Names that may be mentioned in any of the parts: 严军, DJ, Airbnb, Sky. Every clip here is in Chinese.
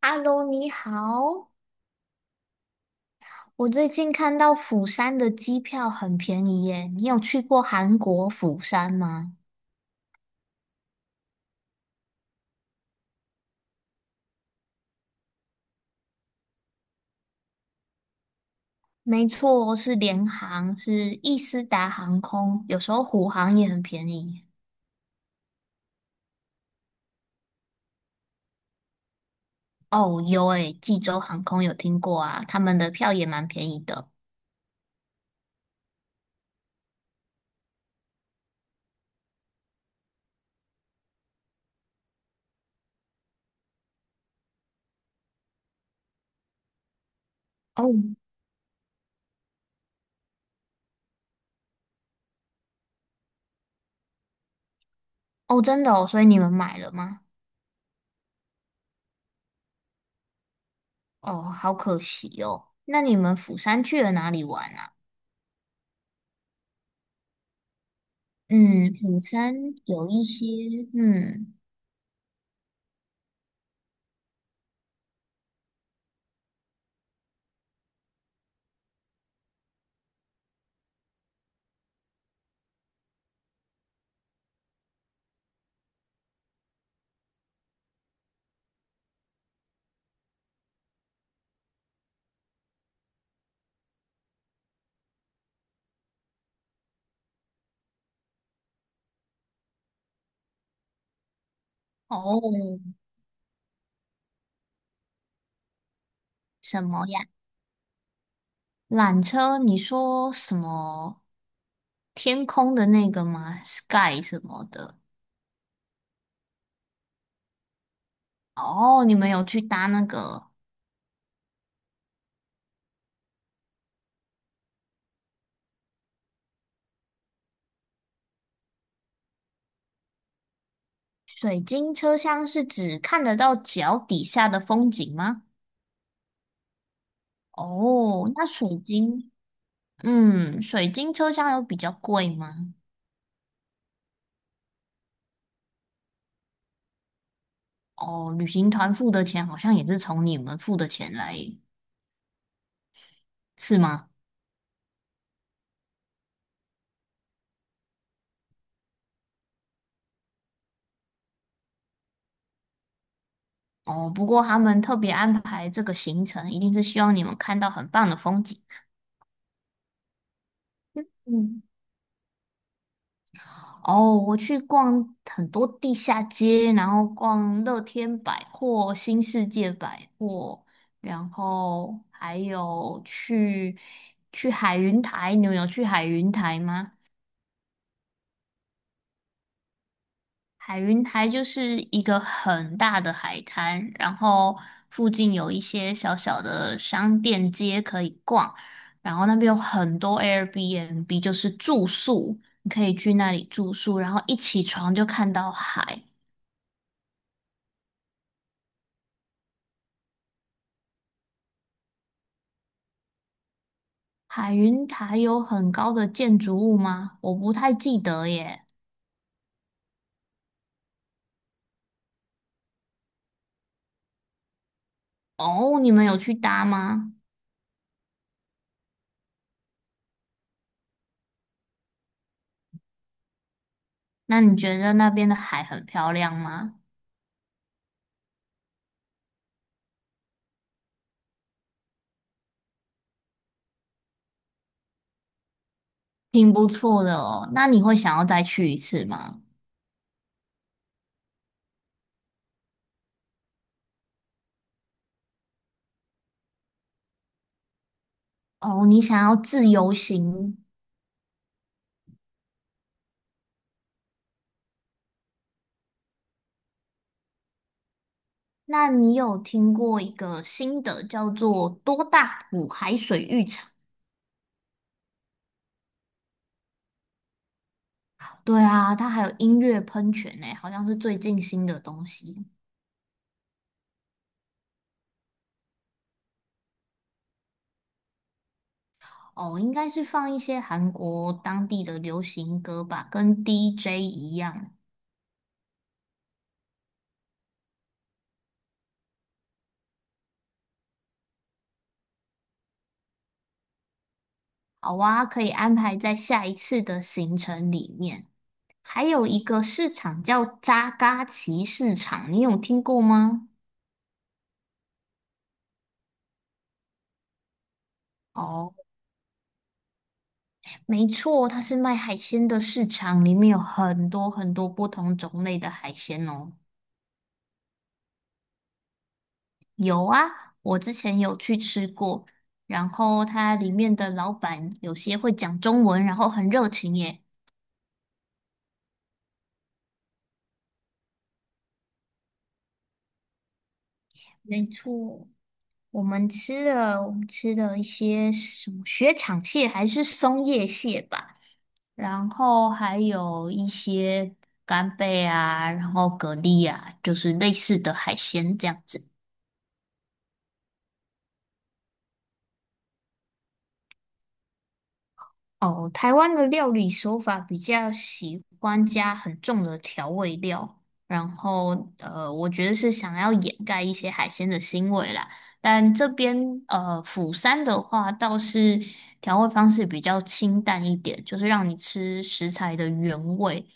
Hello，你好。我最近看到釜山的机票很便宜耶，你有去过韩国釜山吗？没错，是联航，是易斯达航空，有时候虎航也很便宜。哦，有诶，济州航空有听过啊，他们的票也蛮便宜的。哦哦，真的哦，所以你们买了吗？哦，好可惜哦。那你们釜山去了哪里玩啊？嗯，釜山有一些，嗯，哦，什么呀？缆车，你说什么天空的那个吗？Sky 什么的？哦，你们有去搭那个水晶车厢，是指看得到脚底下的风景吗？哦，那水晶，嗯，水晶车厢有比较贵吗？哦，旅行团付的钱好像也是从你们付的钱来，是吗？哦，不过他们特别安排这个行程，一定是希望你们看到很棒的风景。嗯。哦，我去逛很多地下街，然后逛乐天百货、新世界百货，然后还有去去海云台。你们有去海云台吗？海云台就是一个很大的海滩，然后附近有一些小小的商店街可以逛，然后那边有很多 Airbnb，就是住宿，你可以去那里住宿，然后一起床就看到海。海云台有很高的建筑物吗？我不太记得耶。哦，你们有去搭吗？那你觉得那边的海很漂亮吗？挺不错的哦。那你会想要再去一次吗？哦，你想要自由行？那你有听过一个新的叫做多大浦海水浴场？对啊，它还有音乐喷泉呢，好像是最近新的东西。哦，应该是放一些韩国当地的流行歌吧，跟 DJ 一样。好啊，可以安排在下一次的行程里面。还有一个市场叫扎嘎奇市场，你有听过吗？哦，没错，它是卖海鲜的市场，里面有很多很多不同种类的海鲜哦。有啊，我之前有去吃过，然后它里面的老板有些会讲中文，然后很热情耶。没错。我们吃了，我们吃了一些什么雪场蟹还是松叶蟹吧，然后还有一些干贝啊，然后蛤蜊啊，就是类似的海鲜这样子。哦，台湾的料理手法比较喜欢加很重的调味料，然后我觉得是想要掩盖一些海鲜的腥味啦。但这边釜山的话倒是调味方式比较清淡一点，就是让你吃食材的原味。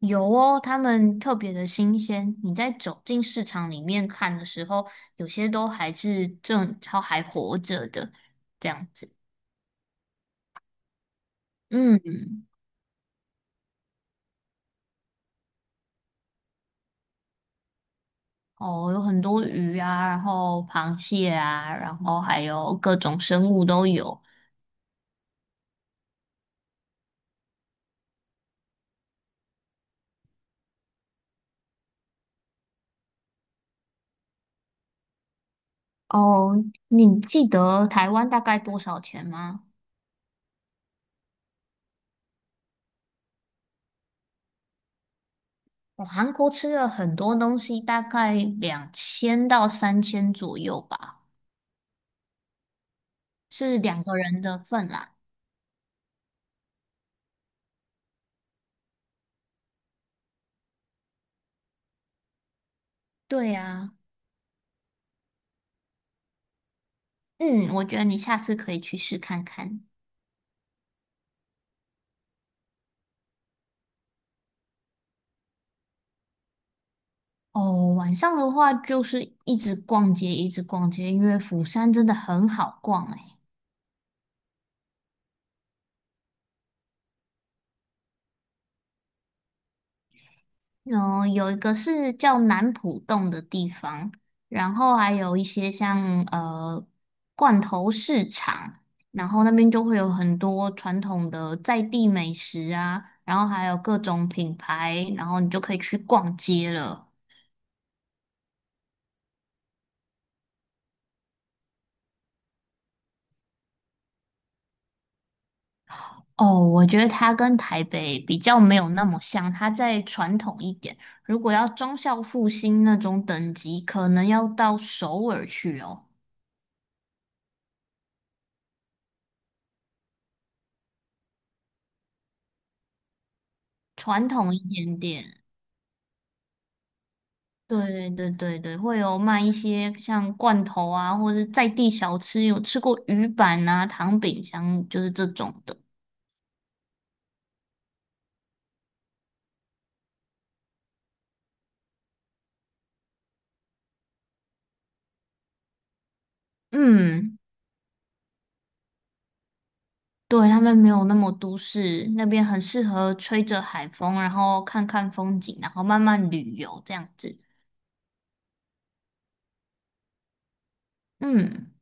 有哦，它们特别的新鲜。你在走进市场里面看的时候，有些都还是正，它还活着的，这样子。嗯，哦，有很多鱼啊，然后螃蟹啊，然后还有各种生物都有。哦，你记得台湾大概多少钱吗？我韩国吃了很多东西，大概2000到3000左右吧，是两个人的份啦。对呀、嗯，我觉得你下次可以去试看看。哦，晚上的话就是一直逛街，一直逛街，因为釜山真的很好逛诶。嗯，有一个是叫南浦洞的地方，然后还有一些像罐头市场，然后那边就会有很多传统的在地美食啊，然后还有各种品牌，然后你就可以去逛街了。哦，我觉得它跟台北比较没有那么像，它再传统一点。如果要忠孝复兴那种等级，可能要到首尔去哦，传统一点点。对对对对，会有卖一些像罐头啊，或者是在地小吃，有吃过鱼板啊、糖饼香，就是这种的。嗯，对，他们没有那么都市，那边很适合吹着海风，然后看看风景，然后慢慢旅游这样子。嗯。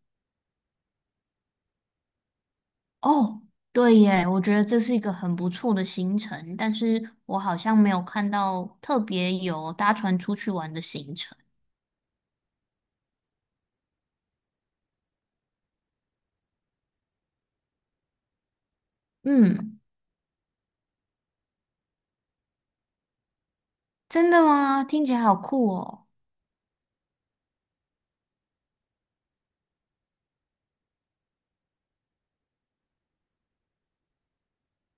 哦，对耶，我觉得这是一个很不错的行程，但是我好像没有看到特别有搭船出去玩的行程。嗯，真的吗？听起来好酷哦，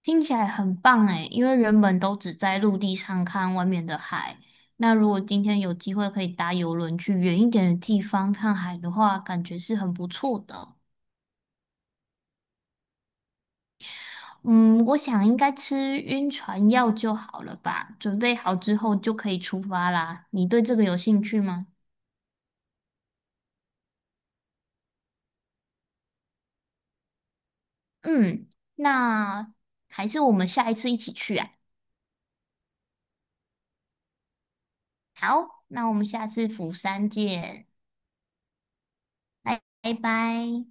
听起来很棒诶，因为原本都只在陆地上看外面的海，那如果今天有机会可以搭游轮去远一点的地方看海的话，感觉是很不错的。嗯，我想应该吃晕船药就好了吧，准备好之后就可以出发啦。你对这个有兴趣吗？嗯，那还是我们下一次一起去啊。那我们下次釜山见，拜拜拜